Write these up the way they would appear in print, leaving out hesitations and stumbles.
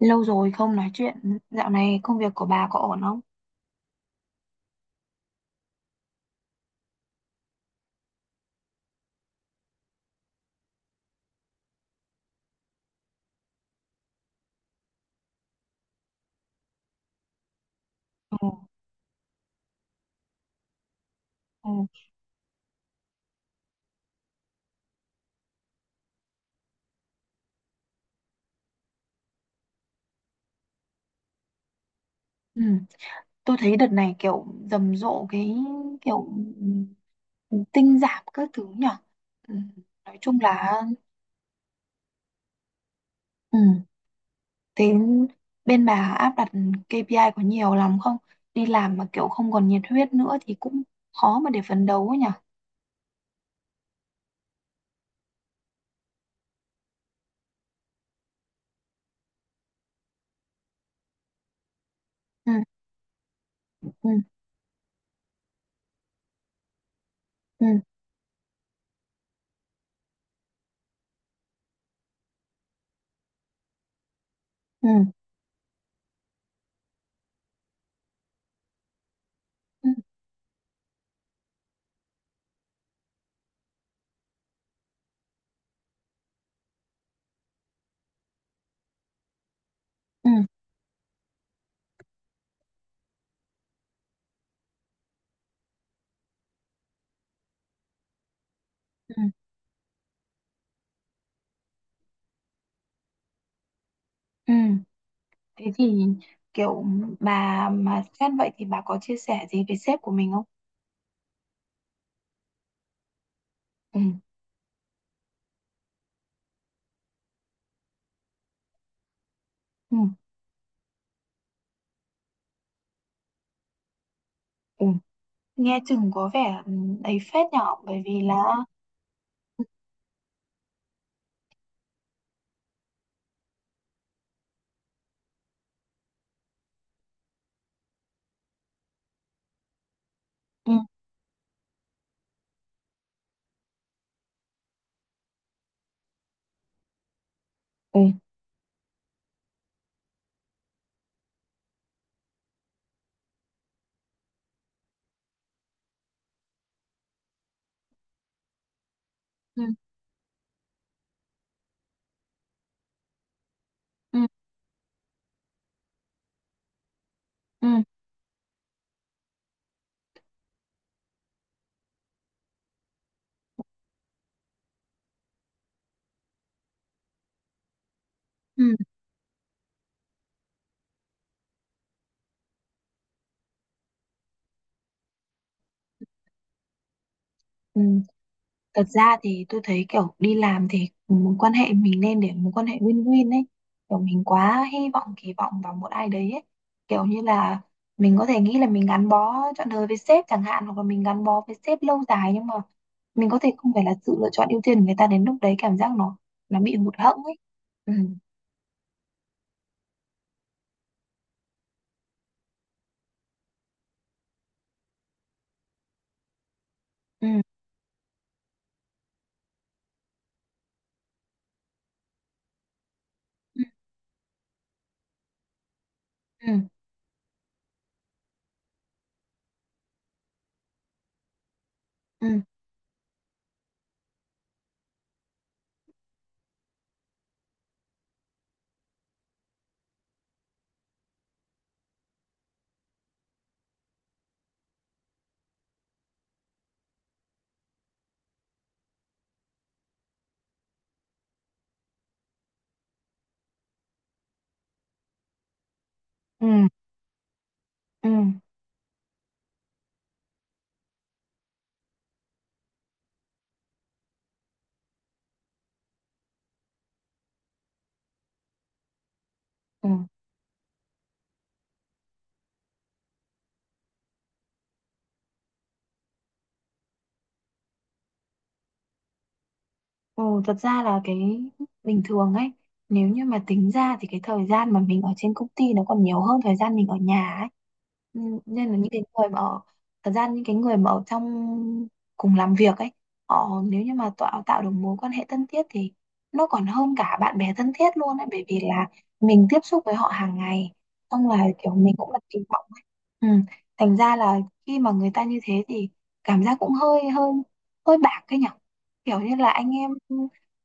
Lâu rồi không nói chuyện, dạo này công việc của bà có ổn không? Ừ, ừ. Ừ, tôi thấy đợt này kiểu rầm rộ cái kiểu ừ, tinh giảm các thứ nhở. Ừ, nói chung là, ừ, thế bên bà áp đặt KPI có nhiều lắm không? Đi làm mà kiểu không còn nhiệt huyết nữa thì cũng khó mà để phấn đấu ấy nhở. Ừ, ừ, ừ, ừ, ừ, ừ, ừ. Ừ. Thế thì kiểu bà mà xét vậy thì bà có chia sẻ gì với sếp của mình không? Ừ. Ừ, ừ, nghe chừng có vẻ, ấy phết nhở, bởi vì là ừ, ừ, ừ, ừ, ừ, ừ. Ừ. Thật ra thì tôi thấy kiểu đi làm thì mối quan hệ mình nên để mối quan hệ win-win ấy, kiểu mình quá hy vọng kỳ vọng vào một ai đấy ấy. Kiểu như là mình có thể nghĩ là mình gắn bó trọn đời với sếp chẳng hạn, hoặc là mình gắn bó với sếp lâu dài, nhưng mà mình có thể không phải là sự lựa chọn ưu tiên của người ta, đến lúc đấy cảm giác nó bị hụt hẫng ấy. Ừ, ừ, ừ, ừ, ừ, ừ. Ừ. Ừ. Ồ, thật ra là cái bình thường ấy, nếu như mà tính ra thì cái thời gian mà mình ở trên công ty nó còn nhiều hơn thời gian mình ở nhà ấy. Ừ, nên là những cái người mà ở, thật ra những cái người mà ở trong cùng làm việc ấy, họ nếu như mà tạo tạo được mối quan hệ thân thiết thì nó còn hơn cả bạn bè thân thiết luôn ấy, bởi vì là mình tiếp xúc với họ hàng ngày, xong là kiểu mình cũng đặt kỳ vọng ấy. Ừ. Thành ra là khi mà người ta như thế thì cảm giác cũng hơi hơi hơi bạc cái nhở, kiểu như là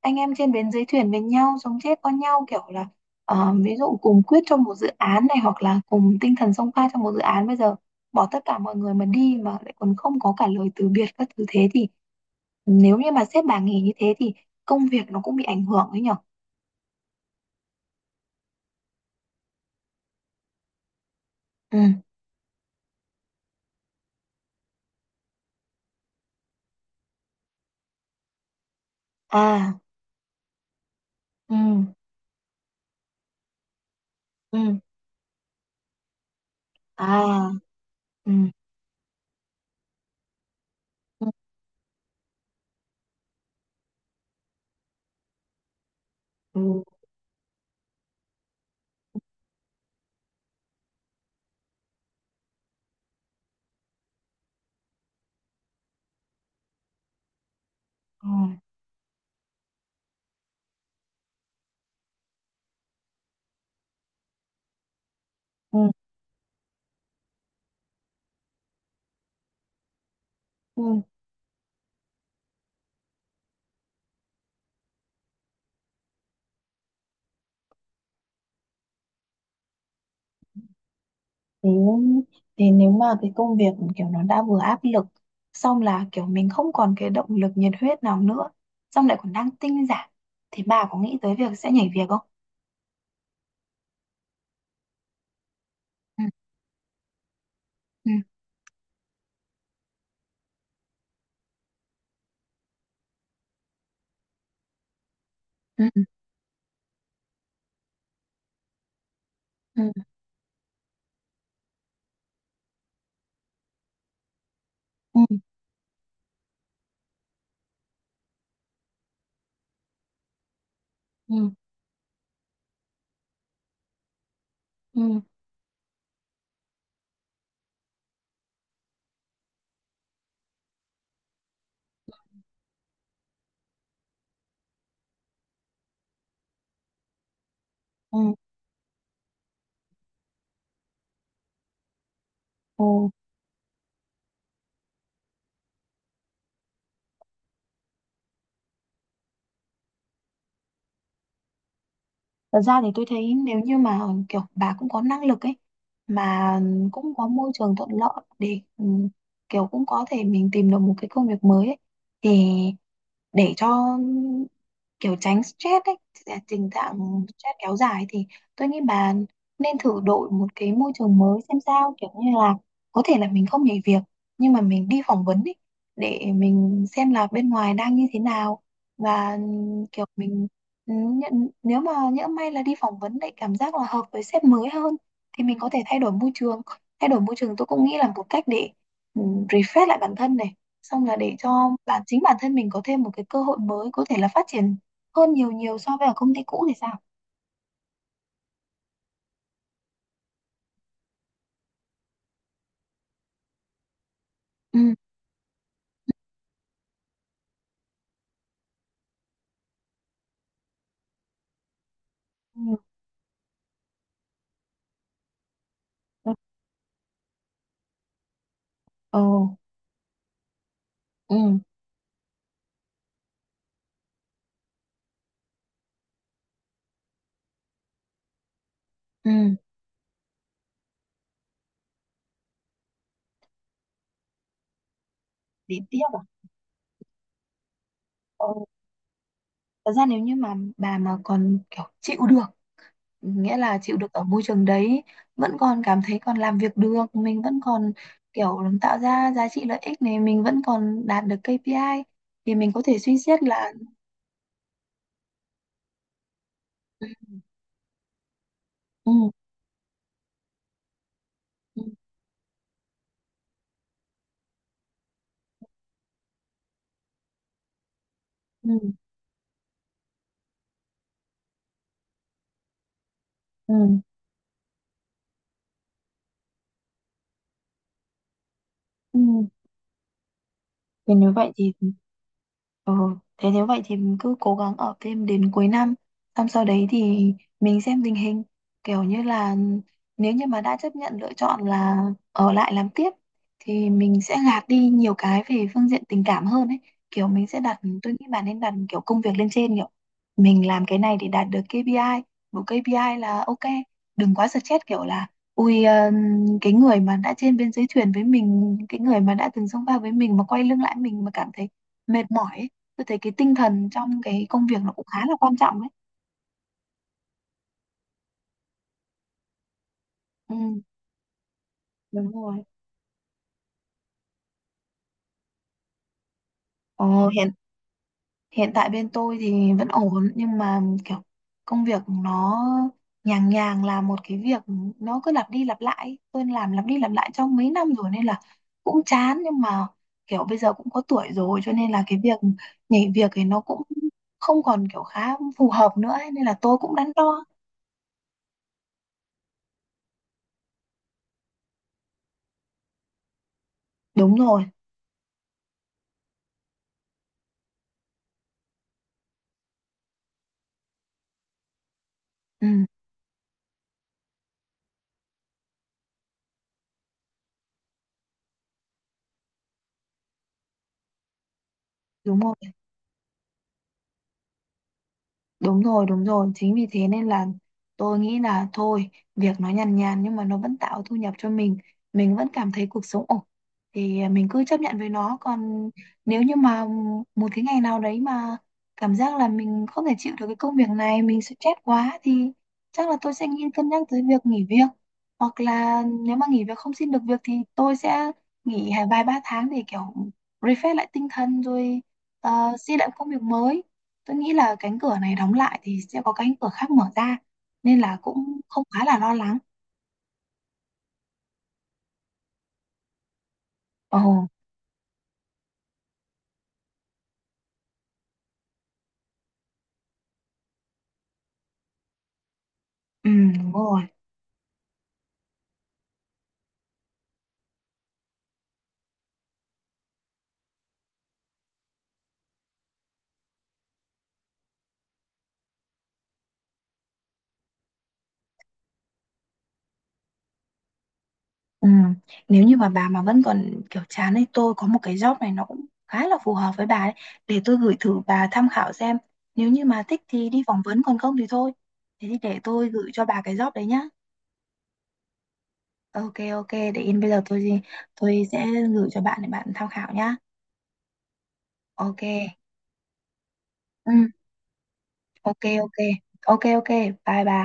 anh em trên bến dưới thuyền với nhau, sống chết con nhau kiểu là, ờ, ví dụ cùng quyết cho một dự án này, hoặc là cùng tinh thần xông pha cho một dự án, bây giờ bỏ tất cả mọi người mà đi mà lại còn không có cả lời từ biệt các thứ, thế thì nếu như mà sếp bà nghỉ như thế thì công việc nó cũng bị ảnh hưởng đấy nhở. Ừ, à, ừ, ừ, à, ừ, ừ, ừ, ừ, ừ. Thế, thế nếu mà cái công việc kiểu nó đã vừa áp lực, xong là kiểu mình không còn cái động lực nhiệt huyết nào nữa, xong lại còn đang tinh giản, thì bà có nghĩ tới việc sẽ nhảy việc không? Ừ, ừ, ừ, ừ. Ừ, ừ, ừ, ừ. Ừ. Thật ra thì tôi thấy nếu như mà kiểu bà cũng có năng lực ấy, mà cũng có môi trường thuận lợi để, kiểu cũng có thể mình tìm được một cái công việc mới ấy, thì để cho kiểu tránh stress ấy, tình trạng stress kéo dài thì tôi nghĩ bà nên thử đổi một cái môi trường mới xem sao, kiểu như là có thể là mình không nhảy việc, nhưng mà mình đi phỏng vấn ấy, để mình xem là bên ngoài đang như thế nào, và kiểu mình, nhận nếu mà nhỡ may là đi phỏng vấn lại cảm giác là hợp với sếp mới hơn thì mình có thể thay đổi môi trường. Thay đổi môi trường tôi cũng nghĩ là một cách để, ừ, refresh lại bản thân này, xong là để cho chính bản thân mình có thêm một cái cơ hội mới, có thể là phát triển hơn nhiều nhiều so với ở công ty cũ thì sao. Ừ, ừ, ừ, ừ, ừ, ừ. Lý tiếc à. Ừ. Thật ra nếu như mà bà mà còn kiểu chịu được, nghĩa là chịu được ở môi trường đấy, vẫn còn cảm thấy còn làm việc được, mình vẫn còn kiểu tạo ra giá trị lợi ích này, mình vẫn còn đạt được KPI, thì mình có thể suy xét là, ừ, ừ, ừ, ừ, ừ. Ừ. Thì nếu vậy thì, ừ, thế nếu vậy thì mình cứ cố gắng ở phim đến cuối năm, xong sau đấy thì mình xem tình hình, kiểu như là nếu như mà đã chấp nhận lựa chọn là ở lại làm tiếp, thì mình sẽ gạt đi nhiều cái về phương diện tình cảm hơn ấy, kiểu mình sẽ đặt, tôi nghĩ bạn nên đặt kiểu công việc lên trên, kiểu mình làm cái này để đạt được KPI là ok, đừng quá stress kiểu là, ui, cái người mà đã trên bên dưới thuyền với mình, cái người mà đã từng xông pha với mình mà quay lưng lại mình mà cảm thấy mệt mỏi ấy, tôi thấy cái tinh thần trong cái công việc nó cũng khá là quan trọng đấy. Ừ, Đúng rồi. Ồ, hiện hiện tại bên tôi thì vẫn ổn, nhưng mà kiểu công việc nó nhàng nhàng là một cái việc, nó cứ lặp đi lặp lại, tôi làm lặp đi lặp lại trong mấy năm rồi nên là cũng chán, nhưng mà kiểu bây giờ cũng có tuổi rồi, cho nên là cái việc nhảy việc thì nó cũng không còn kiểu khá phù hợp nữa ấy, nên là tôi cũng đắn đo. Đúng rồi, ừ, đúng rồi. Đúng rồi, đúng rồi. Chính vì thế nên là tôi nghĩ là thôi, việc nó nhàn nhàn nhưng mà nó vẫn tạo thu nhập cho mình. Mình vẫn cảm thấy cuộc sống ổn. Thì à, mình cứ chấp nhận với nó. Còn nếu như mà một cái ngày nào đấy mà cảm giác là mình không thể chịu được cái công việc này, mình sẽ chết quá, thì chắc là tôi sẽ nghĩ cân nhắc tới việc nghỉ việc. Hoặc là nếu mà nghỉ việc không xin được việc thì tôi sẽ nghỉ vài ba tháng để kiểu refresh lại tinh thần rồi, xin lại công việc mới. Tôi nghĩ là cánh cửa này đóng lại thì sẽ có cánh cửa khác mở ra, nên là cũng không quá là lo lắng. Ồ, ừ, đúng rồi, ừ. Nếu như mà bà mà vẫn còn kiểu chán ấy, tôi có một cái job này nó cũng khá là phù hợp với bà ấy, để tôi gửi thử bà tham khảo xem, nếu như mà thích thì đi phỏng vấn, còn không thì thôi. Thế thì để tôi gửi cho bà cái job đấy nhá. Ok, ok, để yên bây giờ tôi sẽ gửi cho bạn để bạn tham khảo nhá. Ok. Ừ. Ok, ok, ok, ok. Bye bà.